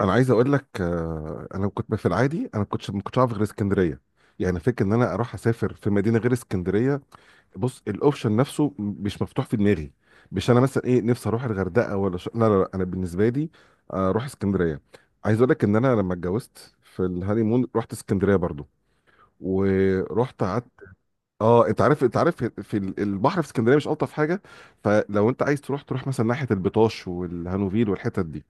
انا عايز اقول لك، انا كنت في العادي، انا كنت ما كنتش عارف غير اسكندريه. يعني فكره ان انا اروح اسافر في مدينه غير اسكندريه. بص الاوبشن نفسه مش مفتوح في دماغي. مش انا مثلا ايه نفسي اروح الغردقه ولا لا لا لا، انا بالنسبه لي اروح اسكندريه. عايز اقول لك ان انا لما اتجوزت في الهانيمون رحت اسكندريه برضو ورحت قعدت. اه، انت عارف، في البحر في اسكندريه مش الطف حاجه؟ فلو انت عايز تروح، تروح مثلا ناحيه البطاش والهانوفيل والحتت دي.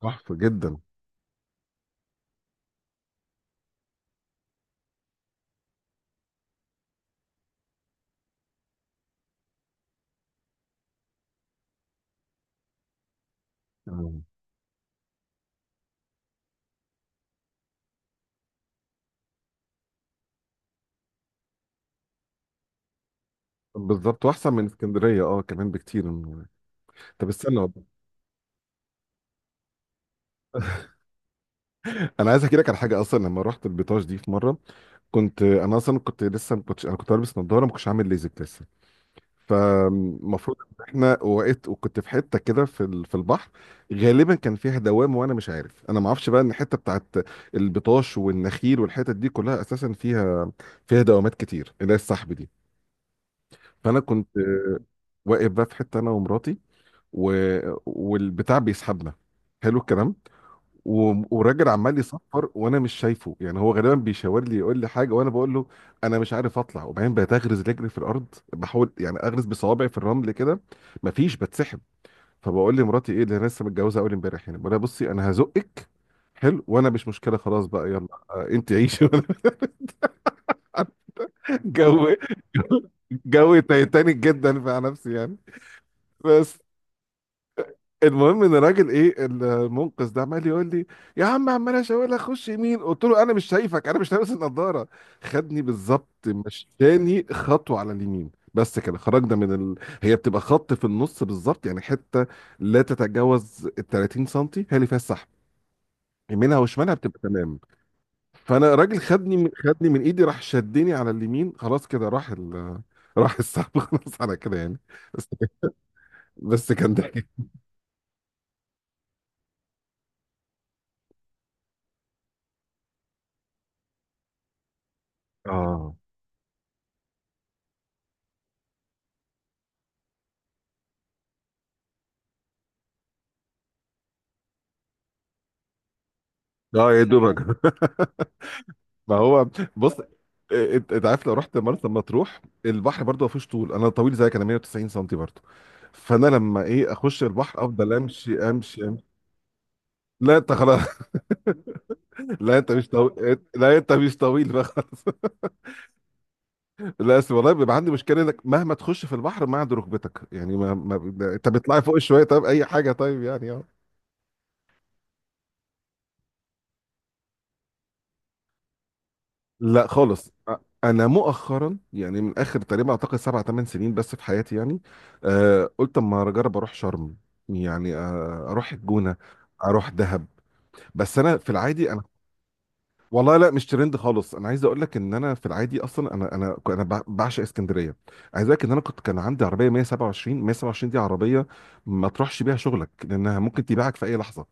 تحفه جدا. آه. بالظبط، واحسن من اسكندريه كمان بكتير. طب استنى والله. انا عايز احكي لك على حاجه، اصلا لما رحت البيطاش دي في مره، كنت انا اصلا كنت لسه، ما كنتش انا كنت لابس نظاره، ما كنتش عامل ليزك لسه. فالمفروض ان احنا وقت وكنت في حته كده في في البحر، غالبا كان فيها دوام وانا مش عارف. انا ما اعرفش بقى ان الحته بتاعت البطاش والنخيل والحتت دي كلها اساسا فيها دوامات كتير اللي هي السحب دي. فانا كنت واقف بقى في حته انا ومراتي و... والبتاع بيسحبنا. حلو الكلام. والراجل عمال يصفر وانا مش شايفه، يعني هو غالبا بيشاور لي يقول لي حاجه، وانا بقول له انا مش عارف اطلع. وبعدين بقيت اغرز رجلي في الارض، بحاول يعني اغرز بصوابعي في الرمل كده، مفيش، بتسحب. فبقول لمراتي، ايه اللي انا لسه متجوزه اول امبارح يعني، بقول لها بصي انا هزقك. حلو. وانا مش مشكله، خلاص بقى يلا انت عيشي. جو جو تايتانيك جدا مع نفسي يعني. بس. المهم ان الراجل، ايه، المنقذ ده عمال يقول لي، يا عم، عمال اشاور لك خش يمين. قلت له انا مش شايفك، انا مش لابس النضاره. خدني بالظبط، مشاني خطوه على اليمين، بس كده خرجنا من هي بتبقى خط في النص بالظبط، يعني حته لا تتجاوز ال 30 سم هي اللي فيها السحب، يمينها وشمالها بتبقى تمام. فانا الراجل، خدني من ايدي، راح شدني على اليمين، خلاص كده راح راح السحب. خلاص على كده يعني. بس بس كان ضحك. اه اه، يا دوبك. ما هو بص، انت عارف، لو رحت مرسى مطروح البحر برضه ما فيهوش طول، انا طويل زيك، انا 190 سم برضه. فانا لما، ايه، اخش البحر افضل امشي امشي امشي. لا انت خلاص. لا انت مش طويل لا انت مش طويل بقى خلاص. لا أصل والله بيبقى عندي مشكله انك مهما تخش في البحر ما عند ركبتك يعني ما, ما... انت بتطلعي فوق شويه طيب، اي حاجه طيب يعني. لا خالص، انا مؤخرا يعني من اخر تقريبا اعتقد 7 8 سنين بس في حياتي يعني. قلت اما اجرب اروح شرم، يعني اروح الجونه، اروح دهب. بس انا في العادي انا. والله لا، مش ترند خالص. انا عايز اقول لك ان انا في العادي اصلا، انا بعشق اسكندريه. عايز اقول لك ان انا كان عندي عربيه 127، 127 دي عربيه ما تروحش بيها شغلك لانها ممكن تبيعك في اي لحظه.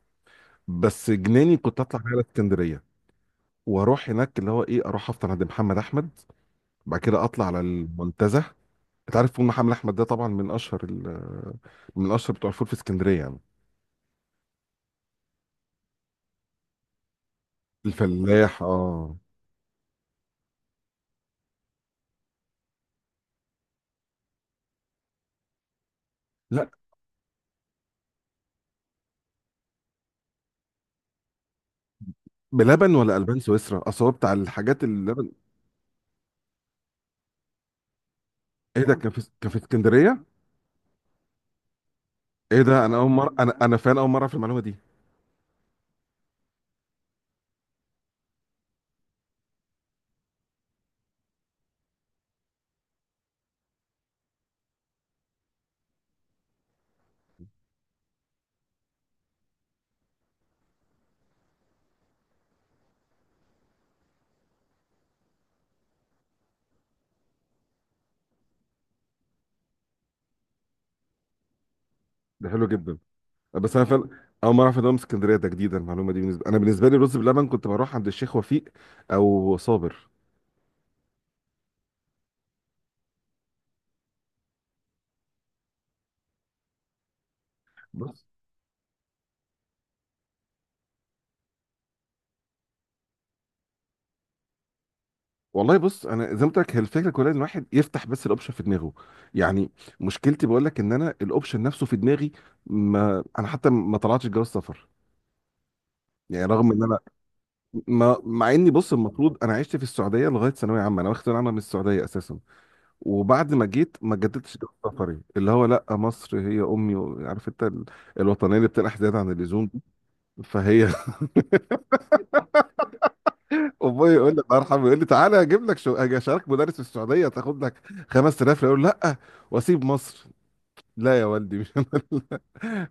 بس جناني كنت اطلع بيها على اسكندريه، واروح هناك اللي هو، ايه، اروح افطر عند محمد احمد، بعد كده اطلع على المنتزه. انت عارف فول محمد احمد ده طبعا من اشهر بتوع الفول في اسكندريه يعني. الفلاح، اه. لا، بلبن ولا البان سويسرا، اصل هو بتاع الحاجات اللي لبن. ايه ده، كان في اسكندريه؟ ايه ده، انا اول مره، انا فعلا اول مره اعرف المعلومه دي. ده حلو جدا. بس انا فعلا اول مره اعرف ان هو من اسكندريه، ده جديده المعلومه دي. انا، بالنسبه لي رز بلبن كنت بروح عند الشيخ وفيق او صابر. والله بص، انا زي ما قلت لك، هي الفكره كلها ان الواحد يفتح بس الاوبشن في دماغه. يعني مشكلتي بقول لك ان انا الاوبشن نفسه في دماغي، ما انا حتى ما طلعتش جواز سفر. يعني رغم ان انا، ما، مع اني بص، المفروض انا عشت في السعوديه لغايه ثانويه عامه، انا واخد ثانويه عامه من السعوديه اساسا. وبعد ما جيت ما جددتش جواز سفري، اللي هو لا، مصر هي امي، عارف انت الوطنيه اللي بتنقح زياده عن اللزوم دي. فهي ابويا يقول لي، الله يرحمه، يقول لي تعالى اجيب لك، شو، اجي اشارك مدرس في السعوديه تاخد لك 5000. يقول لا، واسيب مصر؟ لا يا والدي مش انا. اللي-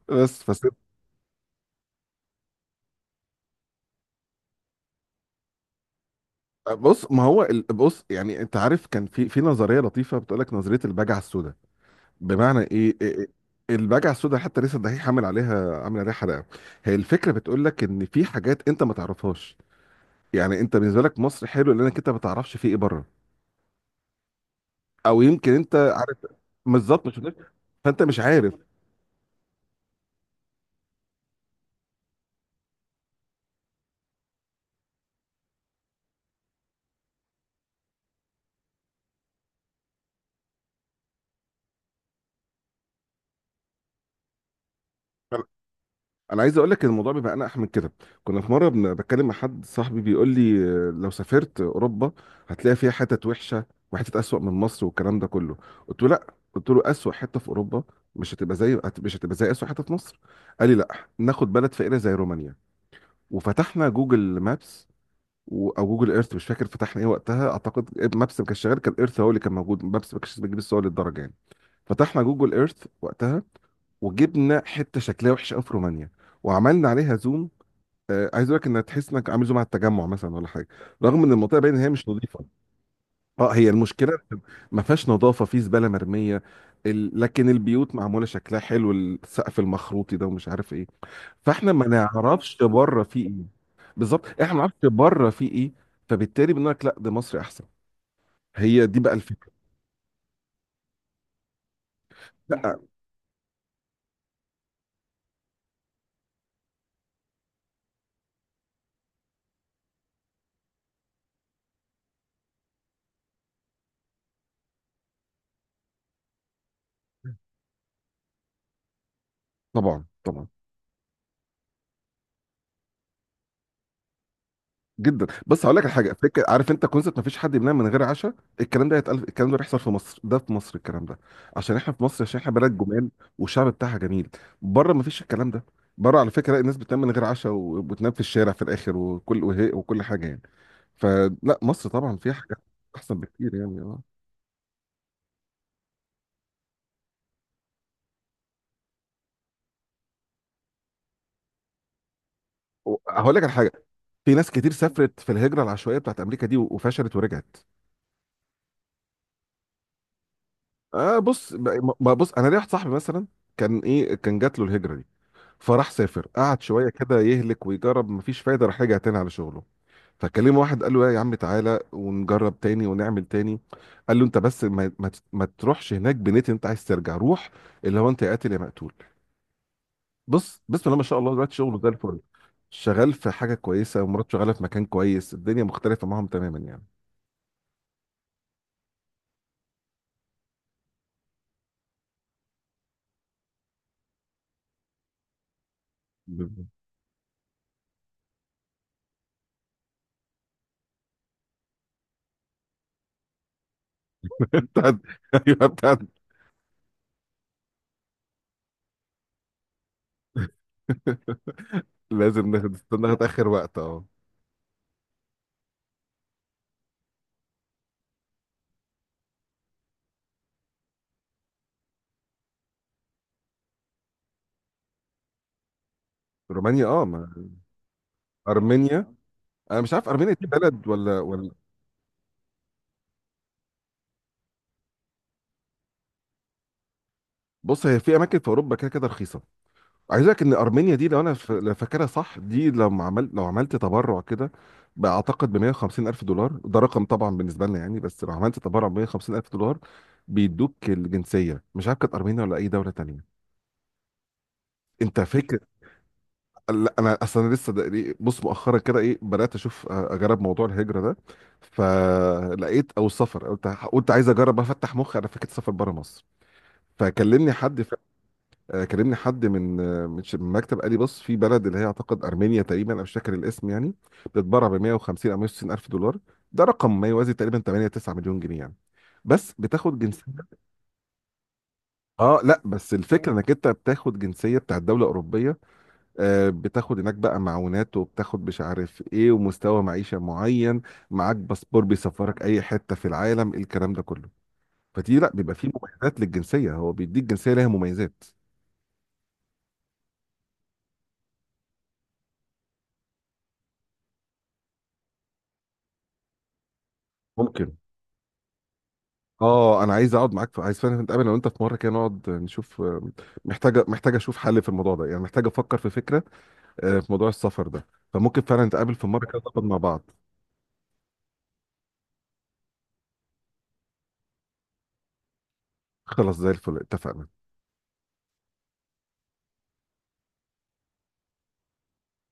بس فسيب. بص، ما هو بص يعني، انت عارف كان في نظريه لطيفه بتقول لك نظريه البجعه السوداء. بمعنى ايه؟ إيه؟ البجعه السوداء حتى لسه الدحيح عامل عليها، حلقه. هي الفكره بتقول لك ان في حاجات انت ما تعرفهاش. يعني انت بالنسبه لك مصر حلو لانك انت ما تعرفش في ايه بره، او يمكن انت عارف بالظبط مش فانت مش عارف. انا عايز اقول لك الموضوع بيبقى انقح من كده. كنا في مره بتكلم مع حد صاحبي بيقول لي، لو سافرت اوروبا هتلاقي فيها حتت وحشه وحتت اسوأ من مصر والكلام ده كله. قلت له لا. قلت له اسوأ حته في اوروبا مش هتبقى زي، مش هتبقى زي اسوأ حته في مصر. قال لي لا، ناخد بلد فقيره زي رومانيا. وفتحنا جوجل مابس، او جوجل ايرث، مش فاكر فتحنا ايه وقتها، اعتقد مابس ما كانش شغال، كان ايرث هو اللي كان موجود، مابس ما كانش بتجيب الصور للدرجه يعني. فتحنا جوجل ايرث وقتها، وجبنا حته شكلها وحش قوي في رومانيا، وعملنا عليها زوم. عايز اقول لك، انك تحس انك عامل زوم على التجمع مثلا ولا حاجه، رغم ان المنطقه باين ان هي مش نظيفه. اه، هي المشكله، ما فيهاش نظافه، في زباله مرميه لكن البيوت معموله شكلها حلو، السقف المخروطي ده، ومش عارف ايه. فاحنا ما نعرفش بره في ايه. بالظبط، احنا ما نعرفش بره في ايه، فبالتالي بنقول لك لا، ده مصري احسن. هي دي بقى الفكره. لا، طبعا طبعا جدا. بس هقول لك على حاجه، فكره، عارف انت كونسبت ما فيش حد بينام من غير عشاء، الكلام ده هيتقال؟ الكلام ده بيحصل في مصر، ده في مصر الكلام ده، عشان احنا في مصر، عشان احنا بلد جمال والشعب بتاعها جميل. بره ما فيش الكلام ده. بره، على فكره، الناس بتنام من غير عشاء، وبتنام في الشارع في الاخر، وكل، وهي، وكل حاجه يعني. فلا، مصر طبعا فيها حاجات احسن بكتير يعني اه. هقول لك على حاجه، في ناس كتير سافرت في الهجره العشوائيه بتاعت امريكا دي و- وفشلت ورجعت. اه، بص، ب- ما بص، انا ليا واحد صاحبي مثلا، كان، ايه، كان جات له الهجره دي، فراح سافر قعد شويه كده، يهلك ويجرب، مفيش فايده، راح رجع تاني على شغله. فكلمه واحد قال له يا عم تعالى ونجرب تاني ونعمل تاني. قال له انت بس ما تروحش هناك بنيت، انت عايز ترجع روح. اللي هو انت يا قاتل يا مقتول. بص، بسم الله ما شاء الله، دلوقتي شغله زي الفل، شغال في حاجه كويسه ومراته شغاله في مكان كويس، الدنيا مختلفه معاهم تماما يعني. بالظبط. بتاعت، ايوه، بتاعت، لازم ناخد، استنى، ناخد اخر وقت اه. رومانيا، اه، ما، ارمينيا. انا مش عارف ارمينيا دي بلد ولا. بص، هي في اماكن في اوروبا كده كده رخيصه. عايز اقول لك ان ارمينيا دي، لو انا لو فاكرها صح دي، لو عملت، تبرع كده بقى، اعتقد ب 150 الف دولار. ده رقم طبعا بالنسبه لنا يعني. بس لو عملت تبرع ب 150 الف دولار، بيدوك الجنسيه. مش عارف كانت ارمينيا ولا اي دوله تانيه، انت فاكر؟ لا انا اصلا لسه ده، بص مؤخرا كده، ايه، بدات اشوف، اجرب موضوع الهجره ده، فلقيت، او السفر، قلت عايز اجرب افتح مخي على فكره سفر بره مصر. فكلمني حد كلمني حد من، من المكتب. قال لي بص، في بلد اللي هي اعتقد ارمينيا تقريبا، انا مش فاكر الاسم يعني، بتتباع ب 150 او 160 الف دولار. ده رقم ما يوازي تقريبا 8 9 مليون جنيه يعني، بس بتاخد جنسيه. اه لا، بس الفكره انك انت بتاخد جنسيه بتاعت دوله اوروبيه، بتاخد هناك بقى معونات، وبتاخد مش عارف ايه، ومستوى معيشة معين. معاك باسبور بيسفرك اي حتة في العالم، الكلام ده كله. فدي لا، بيبقى فيه مميزات للجنسية، هو بيديك جنسية ليها مميزات. ممكن. اه، انا عايز اقعد معاك، عايز فعلا نتقابل، لو انت في مره كده نقعد نشوف، محتاجه اشوف حل في الموضوع ده يعني، محتاجه افكر في فكره في موضوع السفر ده. فممكن فعلا نتقابل في مره كده نقعد مع بعض. خلاص زي الفل، اتفقنا.